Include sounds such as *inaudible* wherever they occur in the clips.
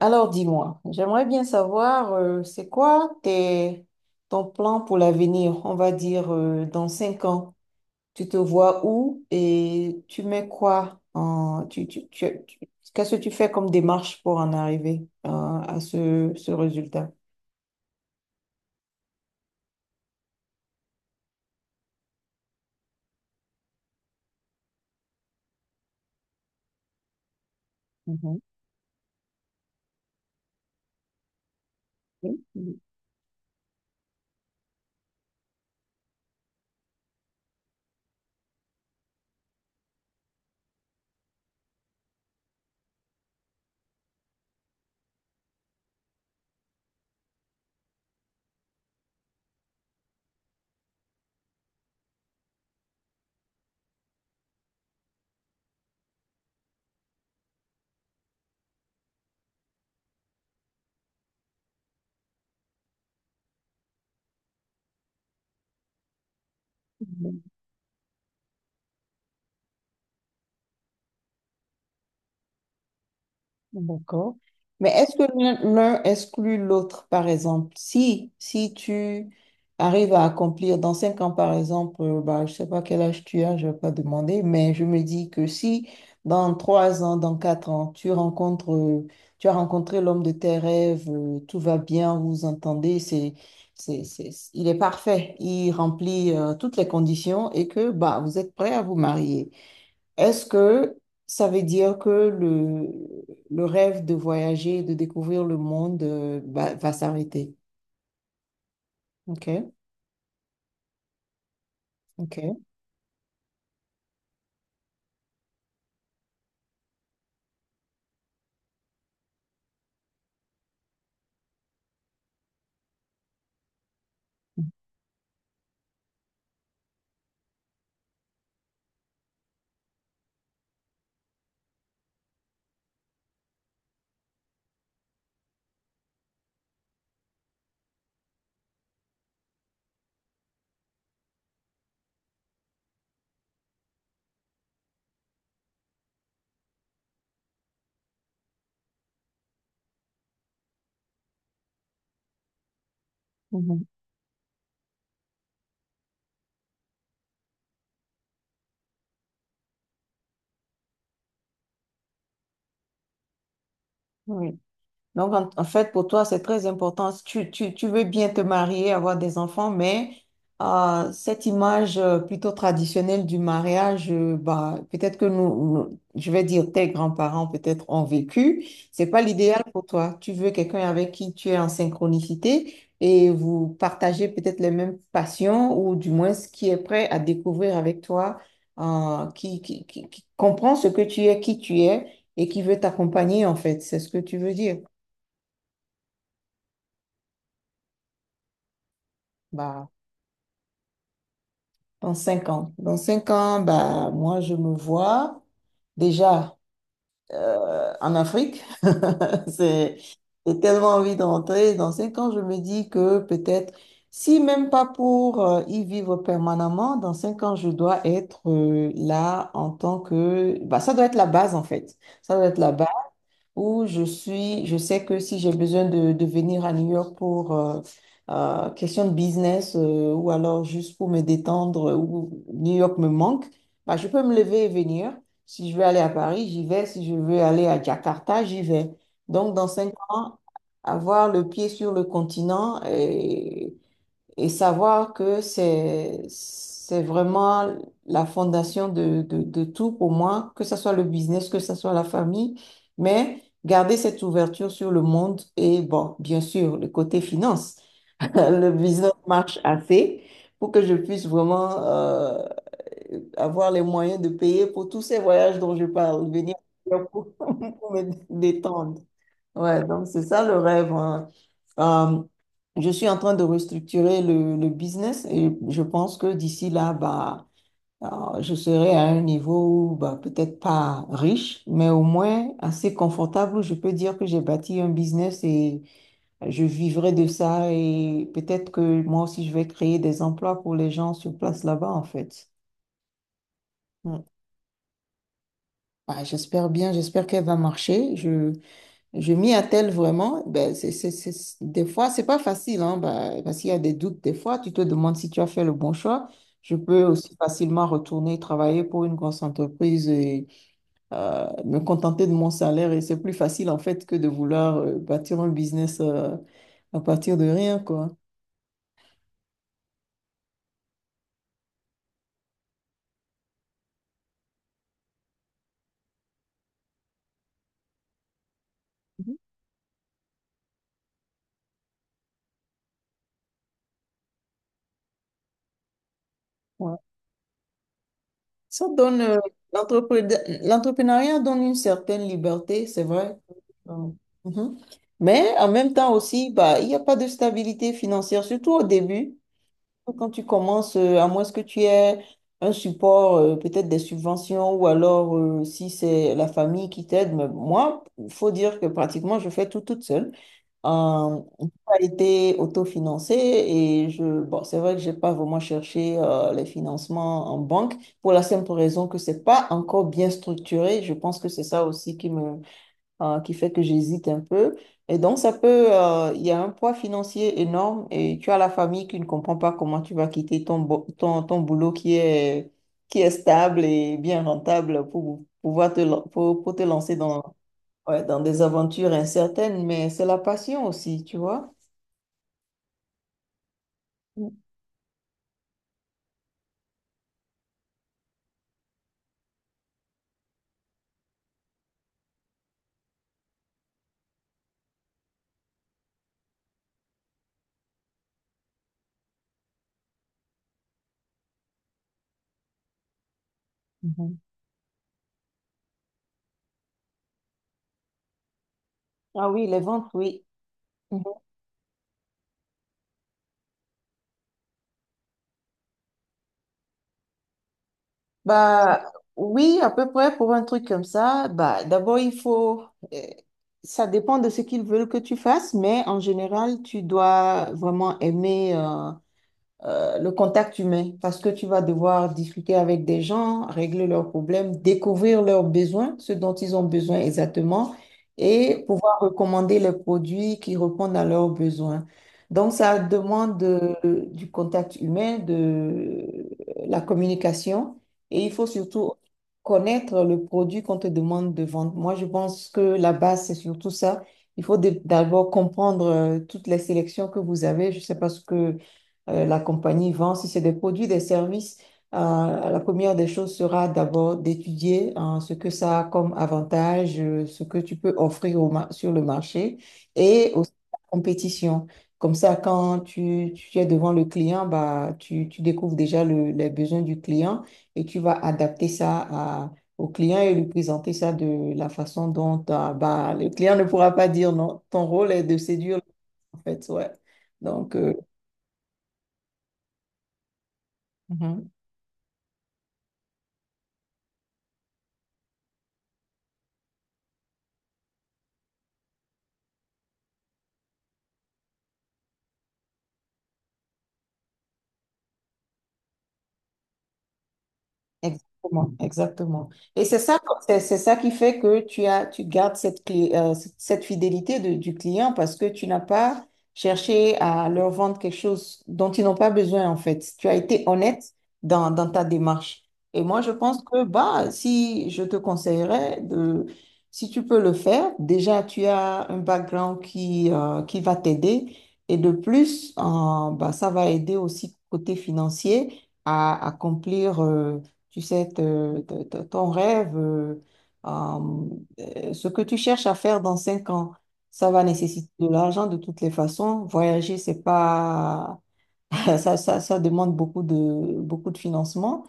Alors dis-moi, j'aimerais bien savoir, c'est quoi ton plan pour l'avenir? On va dire, dans cinq ans, tu te vois où et tu mets quoi en, qu'est-ce que tu fais comme démarche pour en arriver, à ce résultat? Mhm. Oui. D'accord. Mais est-ce que l'un exclut l'autre, par exemple? Si tu arrives à accomplir dans cinq ans, par exemple, bah, je sais pas quel âge tu as, je vais pas demander, mais je me dis que si dans trois ans, dans quatre ans, tu as rencontré l'homme de tes rêves, tout va bien, vous vous entendez, il est parfait, il remplit, toutes les conditions et que, bah, vous êtes prêt à vous marier. Est-ce que ça veut dire que le rêve de voyager, de découvrir le monde, va s'arrêter? Ok, ok. Mhm. Oui. Donc, en fait, pour toi, c'est très important. Tu veux bien te marier, avoir des enfants, mais cette image plutôt traditionnelle du mariage, bah, peut-être que je vais dire, tes grands-parents peut-être ont vécu. C'est pas l'idéal pour toi. Tu veux quelqu'un avec qui tu es en synchronicité et vous partagez peut-être les mêmes passions ou du moins ce qui est prêt à découvrir avec toi, qui comprend ce que tu es, qui tu es et qui veut t'accompagner, en fait. C'est ce que tu veux dire. Bah, dans cinq ans. Dans cinq ans, bah, moi, je me vois déjà en Afrique. *laughs* C'est, j'ai tellement envie d'entrer. Dans cinq ans, je me dis que peut-être, si même pas pour y vivre permanemment, dans cinq ans, je dois être là en tant que. Bah, ça doit être la base, en fait. Ça doit être la où je suis, je sais que si j'ai besoin de, venir à New York pour question de business ou alors juste pour me détendre ou New York me manque, bah, je peux me lever et venir. Si je veux aller à Paris, j'y vais. Si je veux aller à Jakarta, j'y vais. Donc, dans cinq ans, avoir le pied sur le continent et savoir que c'est vraiment la fondation de tout pour moi, que ce soit le business, que ce soit la famille, mais garder cette ouverture sur le monde et bon, bien sûr, le côté finance. *laughs* Le business marche assez pour que je puisse vraiment avoir les moyens de payer pour tous ces voyages dont je parle, venir *laughs* pour me détendre. Ouais, donc c'est ça le rêve, hein. Euh, je suis en train de restructurer le business et je pense que d'ici là, bah, je serai à un niveau, bah, peut-être pas riche, mais au moins assez confortable où je peux dire que j'ai bâti un business et je vivrai de ça et peut-être que moi aussi je vais créer des emplois pour les gens sur place là-bas en fait. Mm. Bah, j'espère bien, j'espère qu'elle va marcher. Je m'y attelle vraiment. Ben, des fois, c'est pas facile, hein, ben, parce qu'il y a des doutes. Des fois, tu te demandes si tu as fait le bon choix. Je peux aussi facilement retourner travailler pour une grosse entreprise et me contenter de mon salaire. Et c'est plus facile, en fait, que de vouloir bâtir un business à partir de rien, quoi. Mhm. Ça donne, euh, l'entrepreneuriat donne une certaine liberté, c'est vrai. Euh, mhm. Mais en même temps aussi, bah, il n'y a pas de stabilité financière, surtout au début, quand tu commences, à moins que tu aies un support, peut-être des subventions, ou alors si c'est la famille qui t'aide. Mais moi, il faut dire que pratiquement, je fais tout toute seule. Tout a été autofinancé et bon, c'est vrai que j'ai pas vraiment cherché les financements en banque pour la simple raison que c'est pas encore bien structuré. Je pense que c'est ça aussi qui fait que j'hésite un peu. Et donc, il y a un poids financier énorme et tu as la famille qui ne comprend pas comment tu vas quitter ton boulot qui est stable et bien rentable pour pouvoir pour te lancer dans ouais, dans des aventures incertaines, mais c'est la passion aussi, tu vois. Mm, mhm. Ah oui, les ventes, oui. Mhm. Bah oui, à peu près pour un truc comme ça. Bah d'abord euh, ça dépend de ce qu'ils veulent que tu fasses, mais en général tu dois vraiment aimer le contact humain parce que tu vas devoir discuter avec des gens, régler leurs problèmes, découvrir leurs besoins, ce dont ils ont besoin exactement, et pouvoir recommander les produits qui répondent à leurs besoins. Donc, ça demande du contact humain, de la communication, et il faut surtout connaître le produit qu'on te demande de vendre. Moi, je pense que la base, c'est surtout ça. Il faut d'abord comprendre toutes les sélections que vous avez. Je ne sais pas ce que la compagnie vend, si c'est des produits, des services, euh, la première des choses sera d'abord d'étudier, hein, ce que ça a comme avantage, ce que tu peux offrir sur le marché et aussi la compétition. Comme ça, quand tu es devant le client, bah, tu découvres déjà les besoins du client et tu vas adapter ça au client et lui présenter ça de la façon dont ah, bah, le client ne pourra pas dire non. Ton rôle est de séduire, en fait. Ouais. Donc, euh, mhm. Exactement, exactement. Et c'est ça, c'est ça qui fait que tu gardes cette clé, cette fidélité du client parce que tu n'as pas cherché à leur vendre quelque chose dont ils n'ont pas besoin en fait. Tu as été honnête dans ta démarche. Et moi, je pense que bah, si je te conseillerais de, si tu peux le faire, déjà tu as un background qui va t'aider et de plus, bah, ça va aider aussi côté financier à accomplir. Tu sais, te- te- te- ton rêve, euh, ce que tu cherches à faire dans cinq ans, ça va nécessiter de l'argent de toutes les façons. Voyager, c'est pas, *laughs* ça demande beaucoup de financement.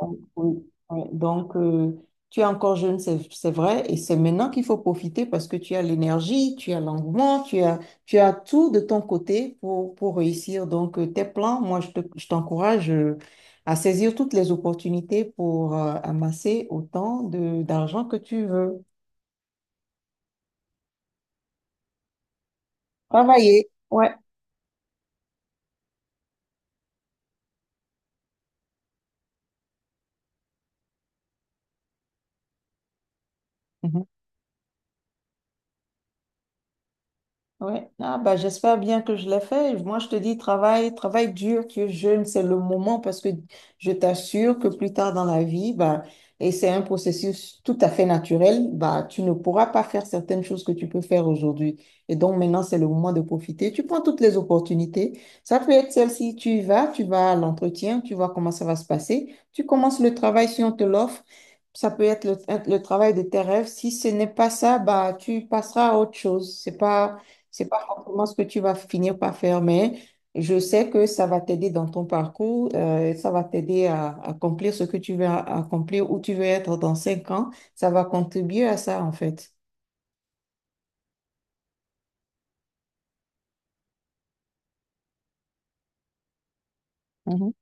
Oui, oui, oui. Donc, tu es encore jeune, c'est vrai, et c'est maintenant qu'il faut profiter parce que tu as l'énergie, tu as l'engouement, tu as tout de ton côté pour réussir. Donc, tes plans, moi, je t'encourage à saisir toutes les opportunités pour amasser autant d'argent que tu veux. Travailler, ouais. Mhm. Ouais. Ah, bah, j'espère bien que je l'ai fait. Moi, je te dis, travail, travail dur, que jeune, c'est le moment parce que je t'assure que plus tard dans la vie, bah, et c'est un processus tout à fait naturel, bah, tu ne pourras pas faire certaines choses que tu peux faire aujourd'hui. Et donc, maintenant, c'est le moment de profiter. Tu prends toutes les opportunités. Ça peut être celle-ci, tu y vas, tu vas à l'entretien, tu vois comment ça va se passer. Tu commences le travail si on te l'offre. Ça peut être le travail de tes rêves. Si ce n'est pas ça, bah, tu passeras à autre chose. C'est pas forcément ce que tu vas finir par faire, mais je sais que ça va t'aider dans ton parcours, ça va t'aider à accomplir ce que tu veux accomplir, où tu veux être dans cinq ans. Ça va contribuer à ça, en fait. Mhm.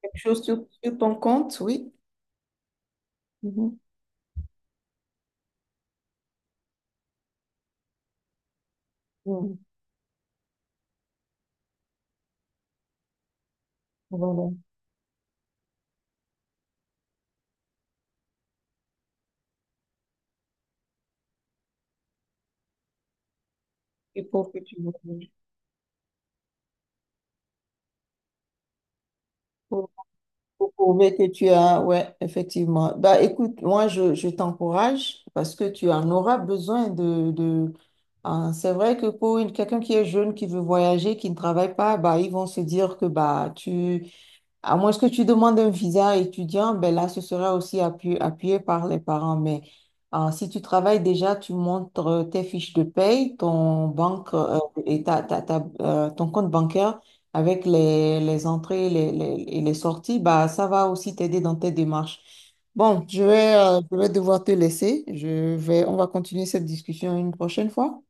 Quelque chose sur ton compte, oui. Mhm. Mm. Voilà. Et pour que tu Pour prouver que ouais, effectivement. Bah, écoute, moi, je t'encourage parce que tu en auras besoin. Hein, c'est vrai que pour quelqu'un qui est jeune, qui veut voyager, qui ne travaille pas, bah, ils vont se dire que à moins que tu demandes un visa étudiant, ben là, ce sera aussi appuyé par les parents. Mais si tu travailles déjà, tu montres tes fiches de paye, ton banque et ton compte bancaire avec les entrées et et les sorties, bah, ça va aussi t'aider dans tes démarches. Bon, je vais devoir te laisser. On va continuer cette discussion une prochaine fois.